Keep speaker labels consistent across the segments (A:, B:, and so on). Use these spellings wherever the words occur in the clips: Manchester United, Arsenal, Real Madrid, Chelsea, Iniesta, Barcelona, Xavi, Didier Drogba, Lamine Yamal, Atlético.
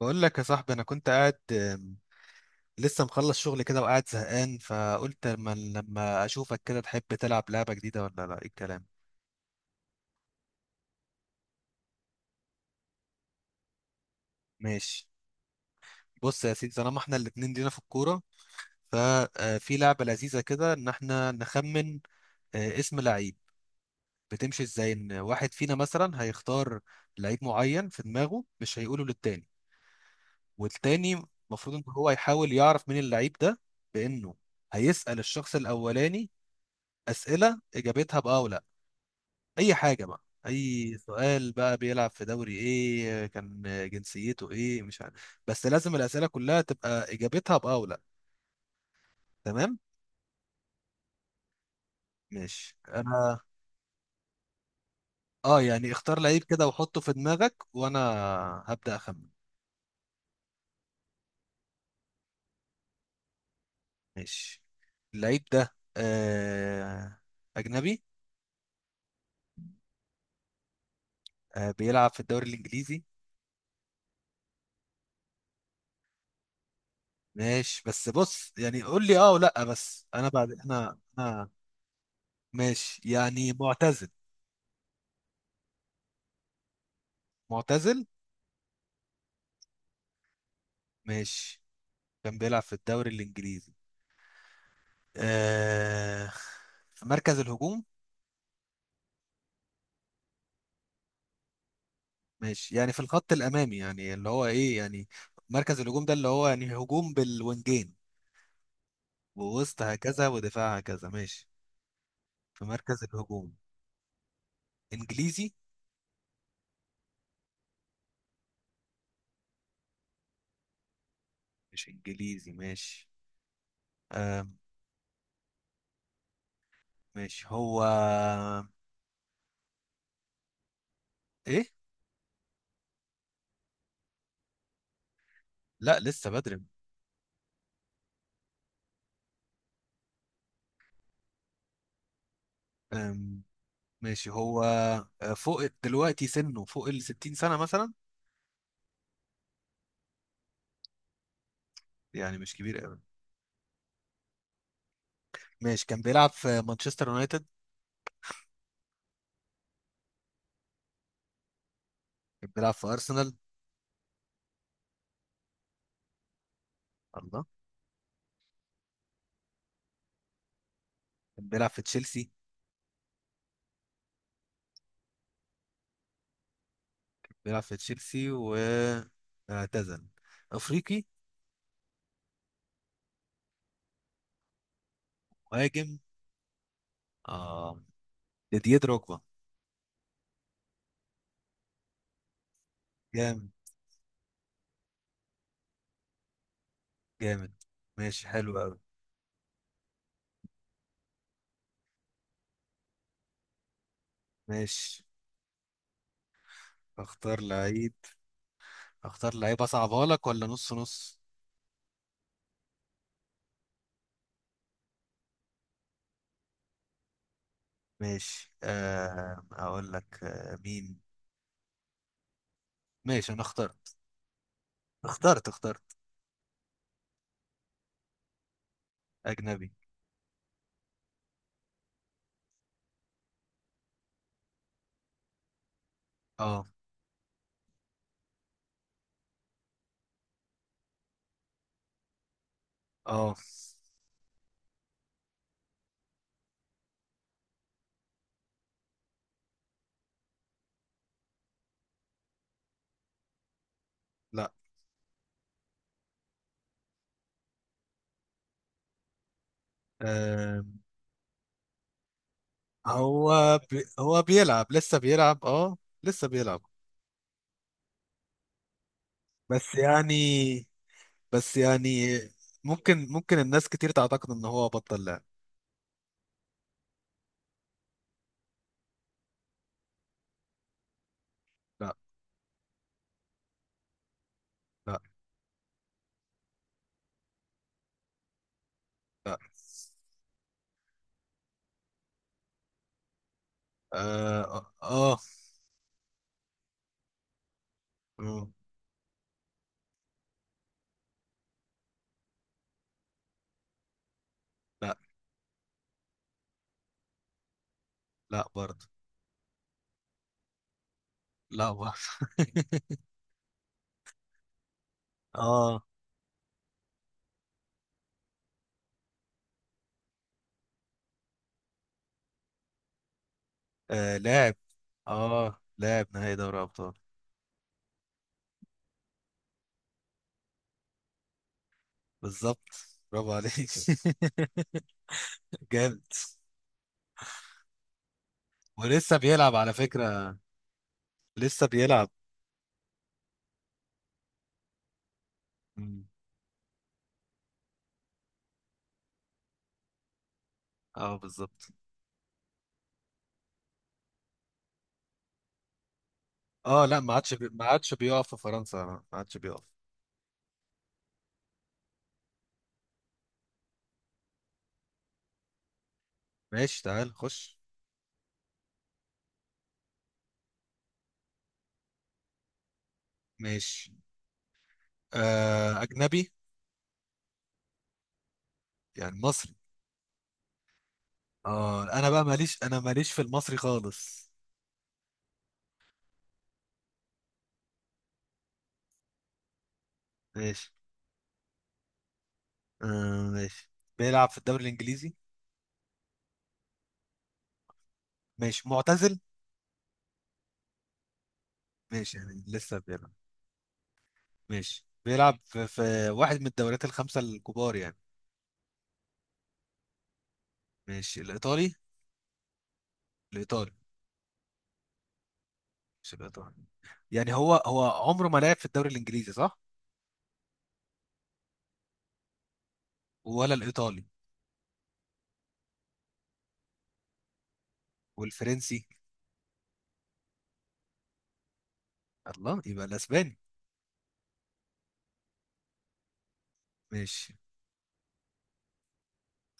A: بقول لك يا صاحبي، انا كنت قاعد لسه مخلص شغل كده وقاعد زهقان، فقلت لما اشوفك كده، تحب تلعب لعبه جديده ولا لا، ايه الكلام. ماشي. بص يا سيدي، طالما احنا الاتنين لينا في الكوره، ففي لعبه لذيذه كده، ان احنا نخمن اسم لعيب. بتمشي ازاي؟ ان واحد فينا مثلا هيختار لعيب معين في دماغه، مش هيقوله للتاني، والتاني المفروض ان هو يحاول يعرف مين اللعيب ده. بانه هيسأل الشخص الاولاني اسئله اجابتها بأه ولا، اي حاجه بقى، اي سؤال بقى. بيلعب في دوري ايه، كان جنسيته ايه، مش عارف، بس لازم الاسئله كلها تبقى اجابتها باه ولا. تمام. ماشي انا. اه يعني اختار لعيب كده وحطه في دماغك، وانا هبدا اخمن. ماشي. اللعيب ده اجنبي. آه بيلعب في الدوري الانجليزي. ماشي، بس بص يعني قول لي اه ولا بس، انا بعد احنا انا. ماشي، يعني معتزل. معتزل، ماشي. كان بيلعب في الدوري الانجليزي، آه في مركز الهجوم. ماشي، يعني في الخط الامامي، يعني اللي هو ايه يعني، مركز الهجوم ده اللي هو يعني هجوم بالوينجين ووسط هكذا ودفاع هكذا. ماشي، في مركز الهجوم. انجليزي. مش انجليزي، ماشي. آم ماشي هو. ايه؟ لا، لسه بدري. آم ماشي هو فوق دلوقتي سنه، فوق ال 60 سنة مثلا. يعني مش كبير قوي. ماشي. كان بيلعب في مانشستر يونايتد. كان بيلعب في ارسنال. الله. كان بيلعب في تشيلسي. بيلعب في تشيلسي واعتزل. افريقي. مهاجم. اه. ديديه دروجبا. جامد. جامد. ماشي، حلو قوي. ماشي. اختار لعيب. اختار لعيب اصعبها لك، ولا نص نص. ماشي، اقول لك مين. ماشي انا اخترت. اخترت. اخترت. اجنبي. اه. اه. لا. آه. هو هو بيلعب. لسه بيلعب، اه. لسه بيلعب. بس يعني بس يعني، ممكن الناس كتير تعتقد ان هو بطل لعب. لا. لا. لا. اه. اه. آه. لا. لا برضه. لا برضه. اه. آه، لاعب اه لاعب نهائي دوري ابطال. بالظبط، برافو عليك. جامد. ولسه بيلعب على فكرة. لسه بيلعب. مم. اه، بالظبط. اه لا، ما عادش بيقف في فرنسا، ما عادش بيقف. ماشي، تعال خش. ماشي، اجنبي. يعني مصري. اه انا بقى ماليش، انا ماليش في المصري خالص. ماشي. ماشي، بيلعب في الدوري الانجليزي. ماشي، معتزل. ماشي، يعني لسه بيلعب. ماشي، بيلعب في واحد من الدوريات الخمسة الكبار يعني. ماشي، الايطالي. الايطالي. مش الايطالي. يعني هو عمره ما لعب في الدوري الانجليزي صح؟ ولا الايطالي. والفرنسي. الله، يبقى الاسباني. ماشي،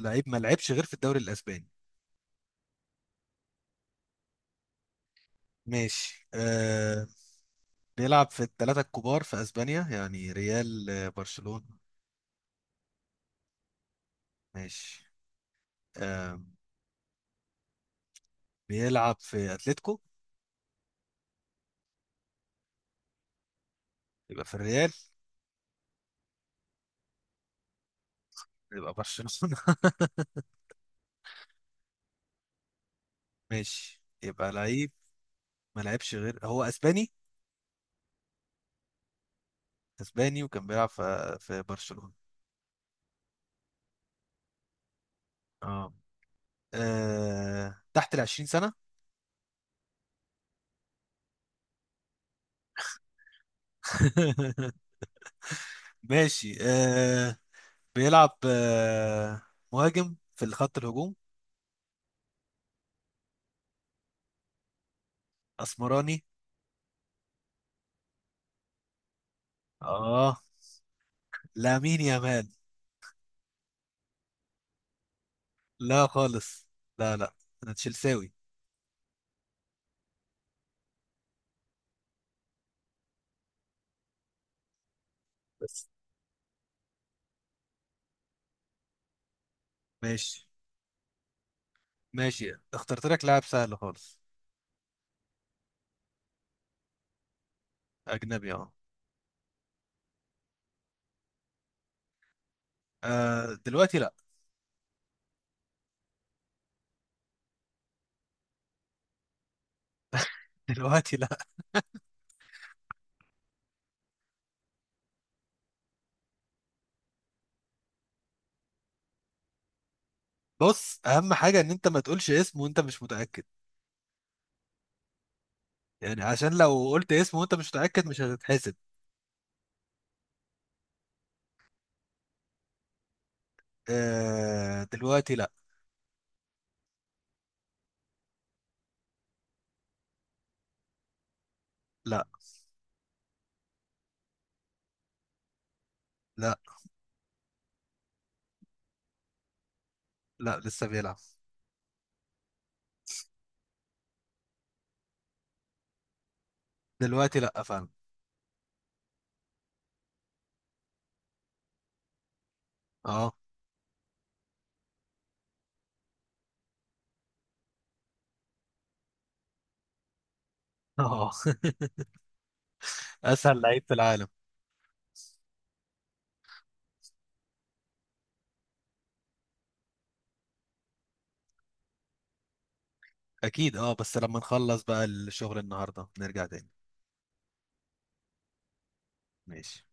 A: لعيب ما لعبش غير في الدوري الاسباني. ماشي، بيلعب في الثلاثة الكبار في اسبانيا، يعني ريال، برشلونة. ماشي، آه بيلعب في اتلتيكو. يبقى في الريال. يبقى برشلونة. ماشي، يبقى لعيب ما لعبش غير. هو اسباني. اسباني، وكان بيلعب في برشلونة. اه. تحت ال 20 سنة. ماشي. بيلعب، مهاجم في خط الهجوم. اسمراني. اه. لامين يامال. لا خالص. لا، لا، انا تشيلساوي بس. ماشي. ماشي، اخترت لك لاعب سهل خالص. اجنبي. اه. دلوقتي لا. دلوقتي لا. بص، اهم حاجه ان انت ما تقولش اسم وانت مش متاكد، يعني عشان لو قلت اسم وانت مش متاكد مش هتتحسب. دلوقتي لا. لا. لا. لا، لسه بيلعب. دلوقتي لا فعلا. اه. اه. اسهل لعيب في العالم. اكيد اه، بس لما نخلص بقى الشغل النهارده نرجع تاني. ماشي.